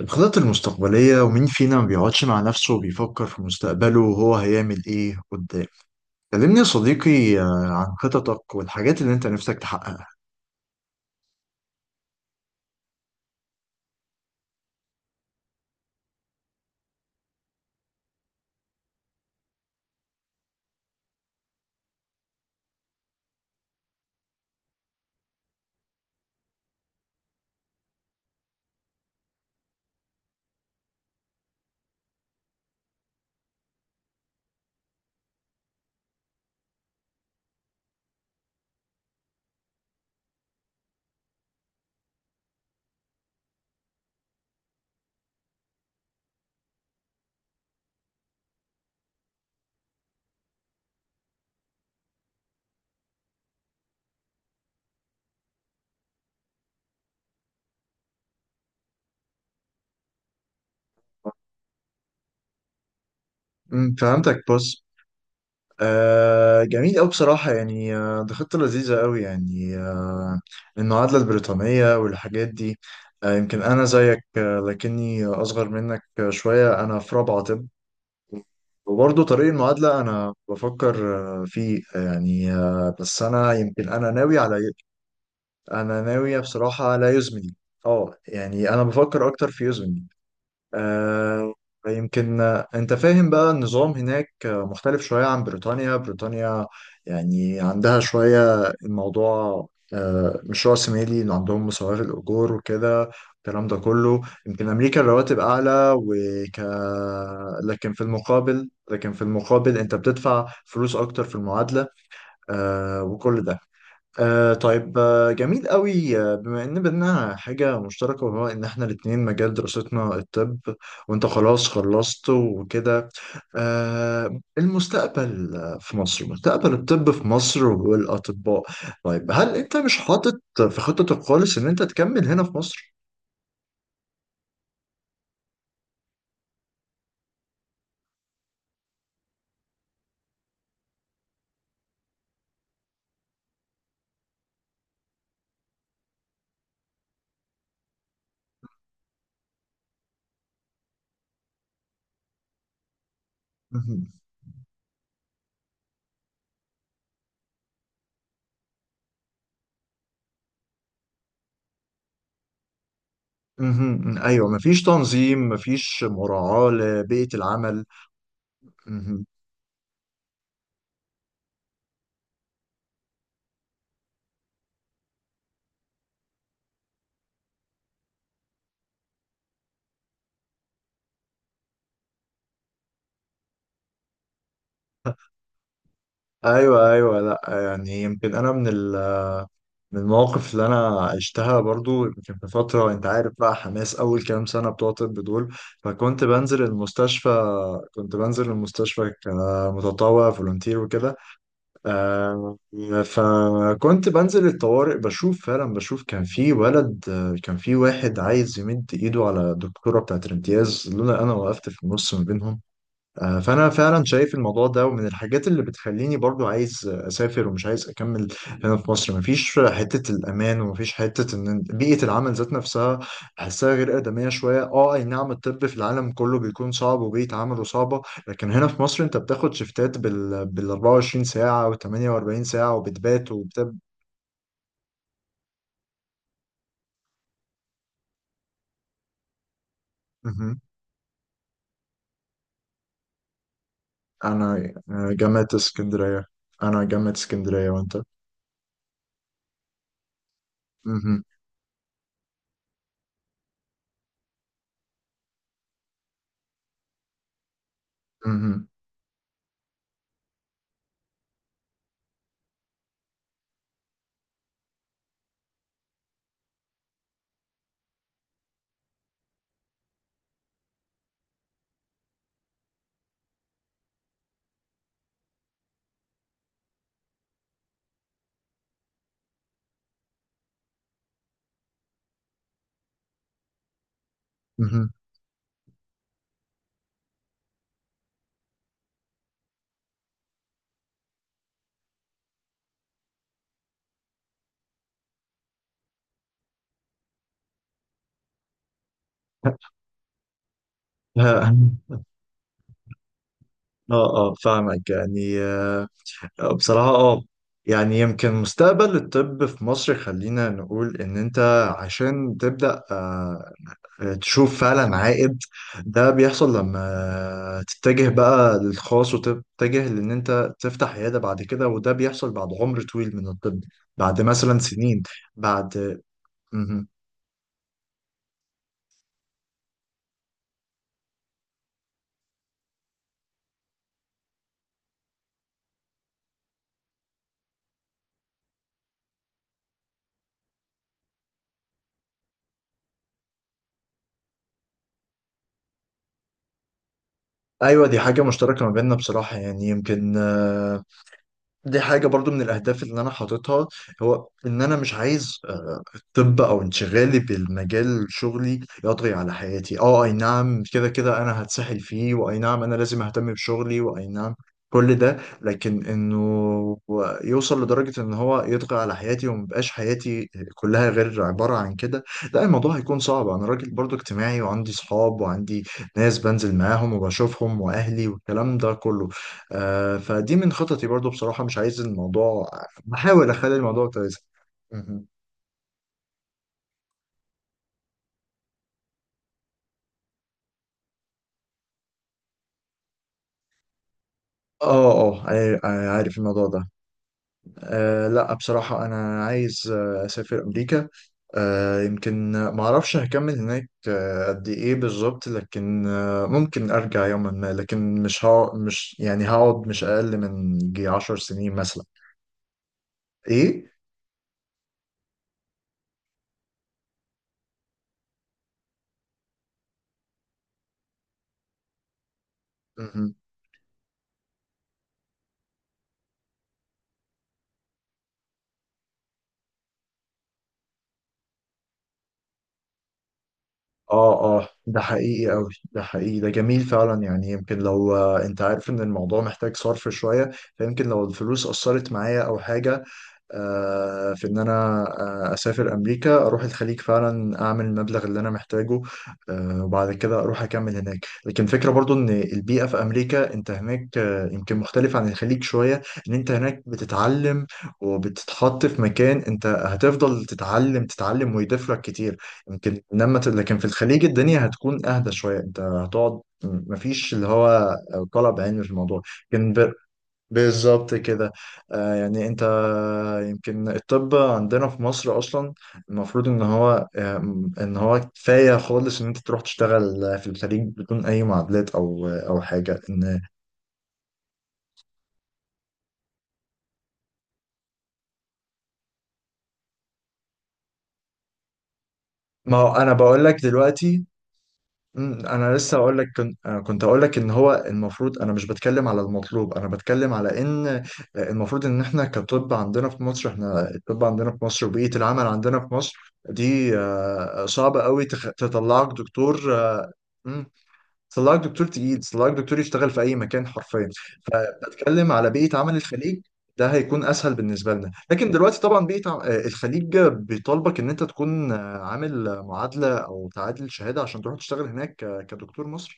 الخطط المستقبلية، ومين فينا ما بيقعدش مع نفسه وبيفكر في مستقبله وهو هيعمل إيه قدام؟ كلمني يا صديقي، عن خططك والحاجات اللي أنت نفسك تحققها. فهمتك. بص، جميل أوي بصراحة، يعني دي خطة لذيذة أوي، يعني المعادلة البريطانية والحاجات دي. يمكن أنا زيك، لكني أصغر منك شوية. أنا في رابعة طب، وبرضه طريق المعادلة أنا بفكر فيه، يعني بس أنا يمكن أنا ناوي على. انا ناوية بصراحة على يوزمني. اه، يعني انا بفكر اكتر في يوزمني. آه يمكن انت فاهم بقى، النظام هناك مختلف شوية عن بريطانيا. بريطانيا يعني عندها شوية، الموضوع مش رأسمالي، عندهم مساواة في الأجور وكده الكلام ده كله. يمكن أمريكا الرواتب أعلى، وك لكن في المقابل أنت بتدفع فلوس أكتر في المعادلة، وكل ده. طيب، جميل قوي. بما ان بينا حاجة مشتركة، وهو ان احنا الاتنين مجال دراستنا الطب، وانت خلاص خلصت وكده، المستقبل في مصر، مستقبل الطب في مصر والاطباء، طيب هل انت مش حاطط في خطتك خالص ان انت تكمل هنا في مصر؟ مهم. مهم، ايوه، مفيش تنظيم، مفيش مراعاة لبيئة العمل. مهم. ايوه ايوه، لا يعني يمكن انا من ال من المواقف اللي انا عشتها برضو. يمكن في فتره، انت عارف بقى، حماس اول كام سنه بتوع طب دول، فكنت بنزل المستشفى. كنت بنزل المستشفى كمتطوع فولونتير وكده، آه، فكنت بنزل الطوارئ بشوف، فعلا بشوف كان في ولد، كان في واحد عايز يمد ايده على الدكتوره بتاعت الامتياز، لولا انا وقفت في النص ما بينهم. فأنا فعلا شايف الموضوع ده، ومن الحاجات اللي بتخليني برضو عايز أسافر ومش عايز أكمل هنا في مصر. مفيش حتة الأمان، ومفيش حتة إن بيئة العمل ذات نفسها بحسها غير آدمية شوية. أه، أي نعم، الطب في العالم كله بيكون صعب وبيئة عمله صعبة، لكن هنا في مصر أنت بتاخد شيفتات بال 24 ساعة و 48 ساعة، وبتبات وبتب. مهم. أنا جامعة اسكندرية. أنا جامعة اسكندرية، وأنت؟ مهم. مهم. مهم. اه اه، فاهمك يعني بصراحة اه. يعني يمكن مستقبل الطب في مصر، خلينا نقول ان انت عشان تبدأ تشوف فعلا عائد، ده بيحصل لما تتجه بقى للخاص وتتجه لان انت تفتح عيادة بعد كده، وده بيحصل بعد عمر طويل من الطب، بعد مثلا سنين، بعد. مهم. ايوه، دي حاجة مشتركة ما بيننا بصراحة، يعني يمكن دي حاجة برضو من الأهداف اللي أنا حاططها، هو إن أنا مش عايز الطب او انشغالي بالمجال شغلي يطغي على حياتي. اه، اي نعم، كده كده انا هتسحل فيه، واي نعم انا لازم اهتم بشغلي، واي نعم كل ده، لكن انه يوصل لدرجة ان هو يطغى على حياتي ومبقاش حياتي كلها غير عبارة عن كده. لا، الموضوع هيكون صعب. انا راجل برضو اجتماعي، وعندي صحاب، وعندي ناس بنزل معاهم وبشوفهم، واهلي والكلام ده كله. فدي من خططي برضو، بصراحة مش عايز الموضوع، بحاول اخلي الموضوع كويس. اه اه، عارف الموضوع ده. لا بصراحة أنا عايز أسافر أمريكا. يمكن ما أعرفش هكمل هناك قد إيه بالظبط، لكن ممكن أرجع يوما ما، لكن مش يعني هقعد مش أقل من 10 سنين مثلا. إيه؟ مهم. اه اه، ده حقيقي قوي، ده حقيقي، ده جميل فعلا. يعني يمكن لو انت عارف ان الموضوع محتاج صرف شوية، فيمكن لو الفلوس اثرت معايا او حاجة في ان انا اسافر امريكا، اروح الخليج فعلا، اعمل المبلغ اللي انا محتاجه، وبعد كده اروح اكمل هناك. لكن فكرة برضو ان البيئة في امريكا، انت هناك يمكن مختلف عن الخليج شوية، ان انت هناك بتتعلم وبتتحط في مكان انت هتفضل تتعلم تتعلم ويضيف لك كتير. يمكن لما لكن في الخليج الدنيا هتكون اهدى شوية، انت هتقعد، مفيش اللي هو طلب علمي في الموضوع، لكن بالظبط كده. يعني انت، يمكن الطب عندنا في مصر اصلا المفروض ان هو، ان هو كفايه خالص ان انت تروح تشتغل في الخليج بدون اي معادلات او حاجه ان، ما هو انا بقول لك دلوقتي، انا لسه هقول لك. كنت هقول لك ان هو المفروض، انا مش بتكلم على المطلوب، انا بتكلم على ان المفروض ان احنا كطب عندنا في مصر، احنا الطب عندنا في مصر، وبيئه العمل عندنا في مصر دي صعبة قوي، تطلعك دكتور. امم طلعك دكتور تقيل، طلعك دكتور يشتغل في اي مكان حرفيا، بتتكلم على بيئه عمل الخليج، ده هيكون اسهل بالنسبه لنا. لكن دلوقتي طبعا الخليج بيطالبك ان انت تكون عامل معادله او تعادل شهاده عشان تروح تشتغل هناك كدكتور مصري.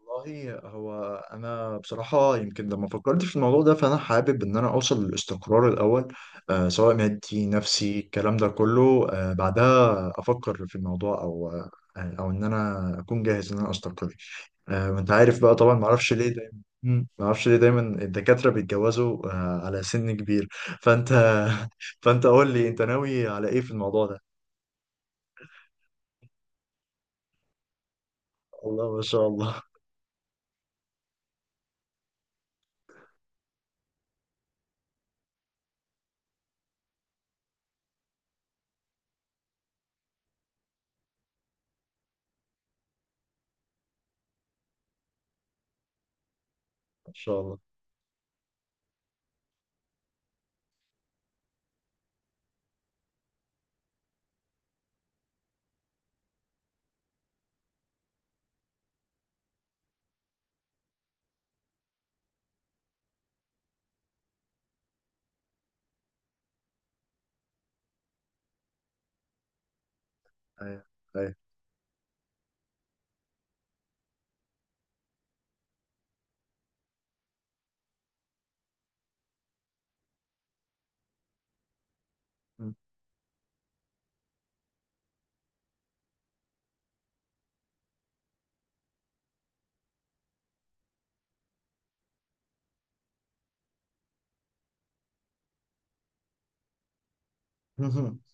والله، هو انا بصراحه يمكن لما فكرت في الموضوع ده، فانا حابب ان انا اوصل للاستقرار الاول، سواء مادي نفسي الكلام ده كله، بعدها افكر في الموضوع، او ان انا اكون جاهز ان انا استقر. انت عارف بقى، طبعا معرفش ليه دايما. مم. معرفش ليه دايما الدكاترة بيتجوزوا على سن كبير. فانت قول لي، انت ناوي على ايه في الموضوع ده؟ الله ما شاء الله. ما شاء الله، ايوه ايوه. مم.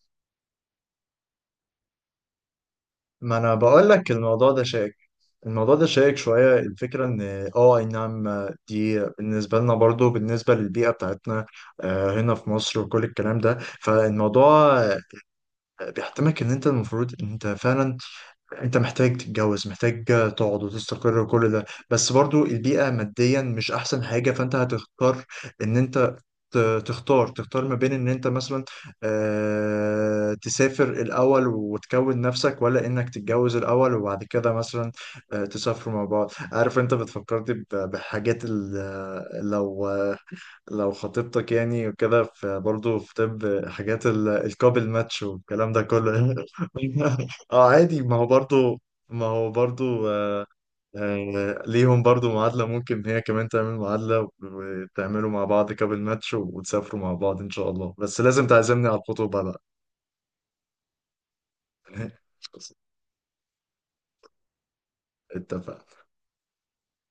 ما انا بقول لك الموضوع ده شائك. الموضوع ده شائك شوية. الفكرة ان، اه، اي نعم، دي بالنسبة لنا برضو، بالنسبة للبيئة بتاعتنا هنا في مصر وكل الكلام ده، فالموضوع بيحتمك ان انت المفروض ان انت فعلا، انت محتاج تتجوز، محتاج تقعد وتستقر وكل ده. بس برضو البيئة ماديا مش احسن حاجة، فانت هتختار ان انت تختار ما بين ان انت مثلا تسافر الاول وتكون نفسك، ولا انك تتجوز الاول وبعد كده مثلا تسافروا مع بعض. عارف انت بتفكرني بحاجات لو، خطيبتك يعني وكده في برضه في طب حاجات الكابل ماتش والكلام ده كله. اه عادي، ما هو برضه، ما هو برضه ليهم برضه معادلة. ممكن هي كمان تعمل معادلة وتعملوا مع بعض كابل ماتش، وتسافروا مع بعض إن شاء الله. بس لازم تعزمني على الخطوبة بقى. اتفق.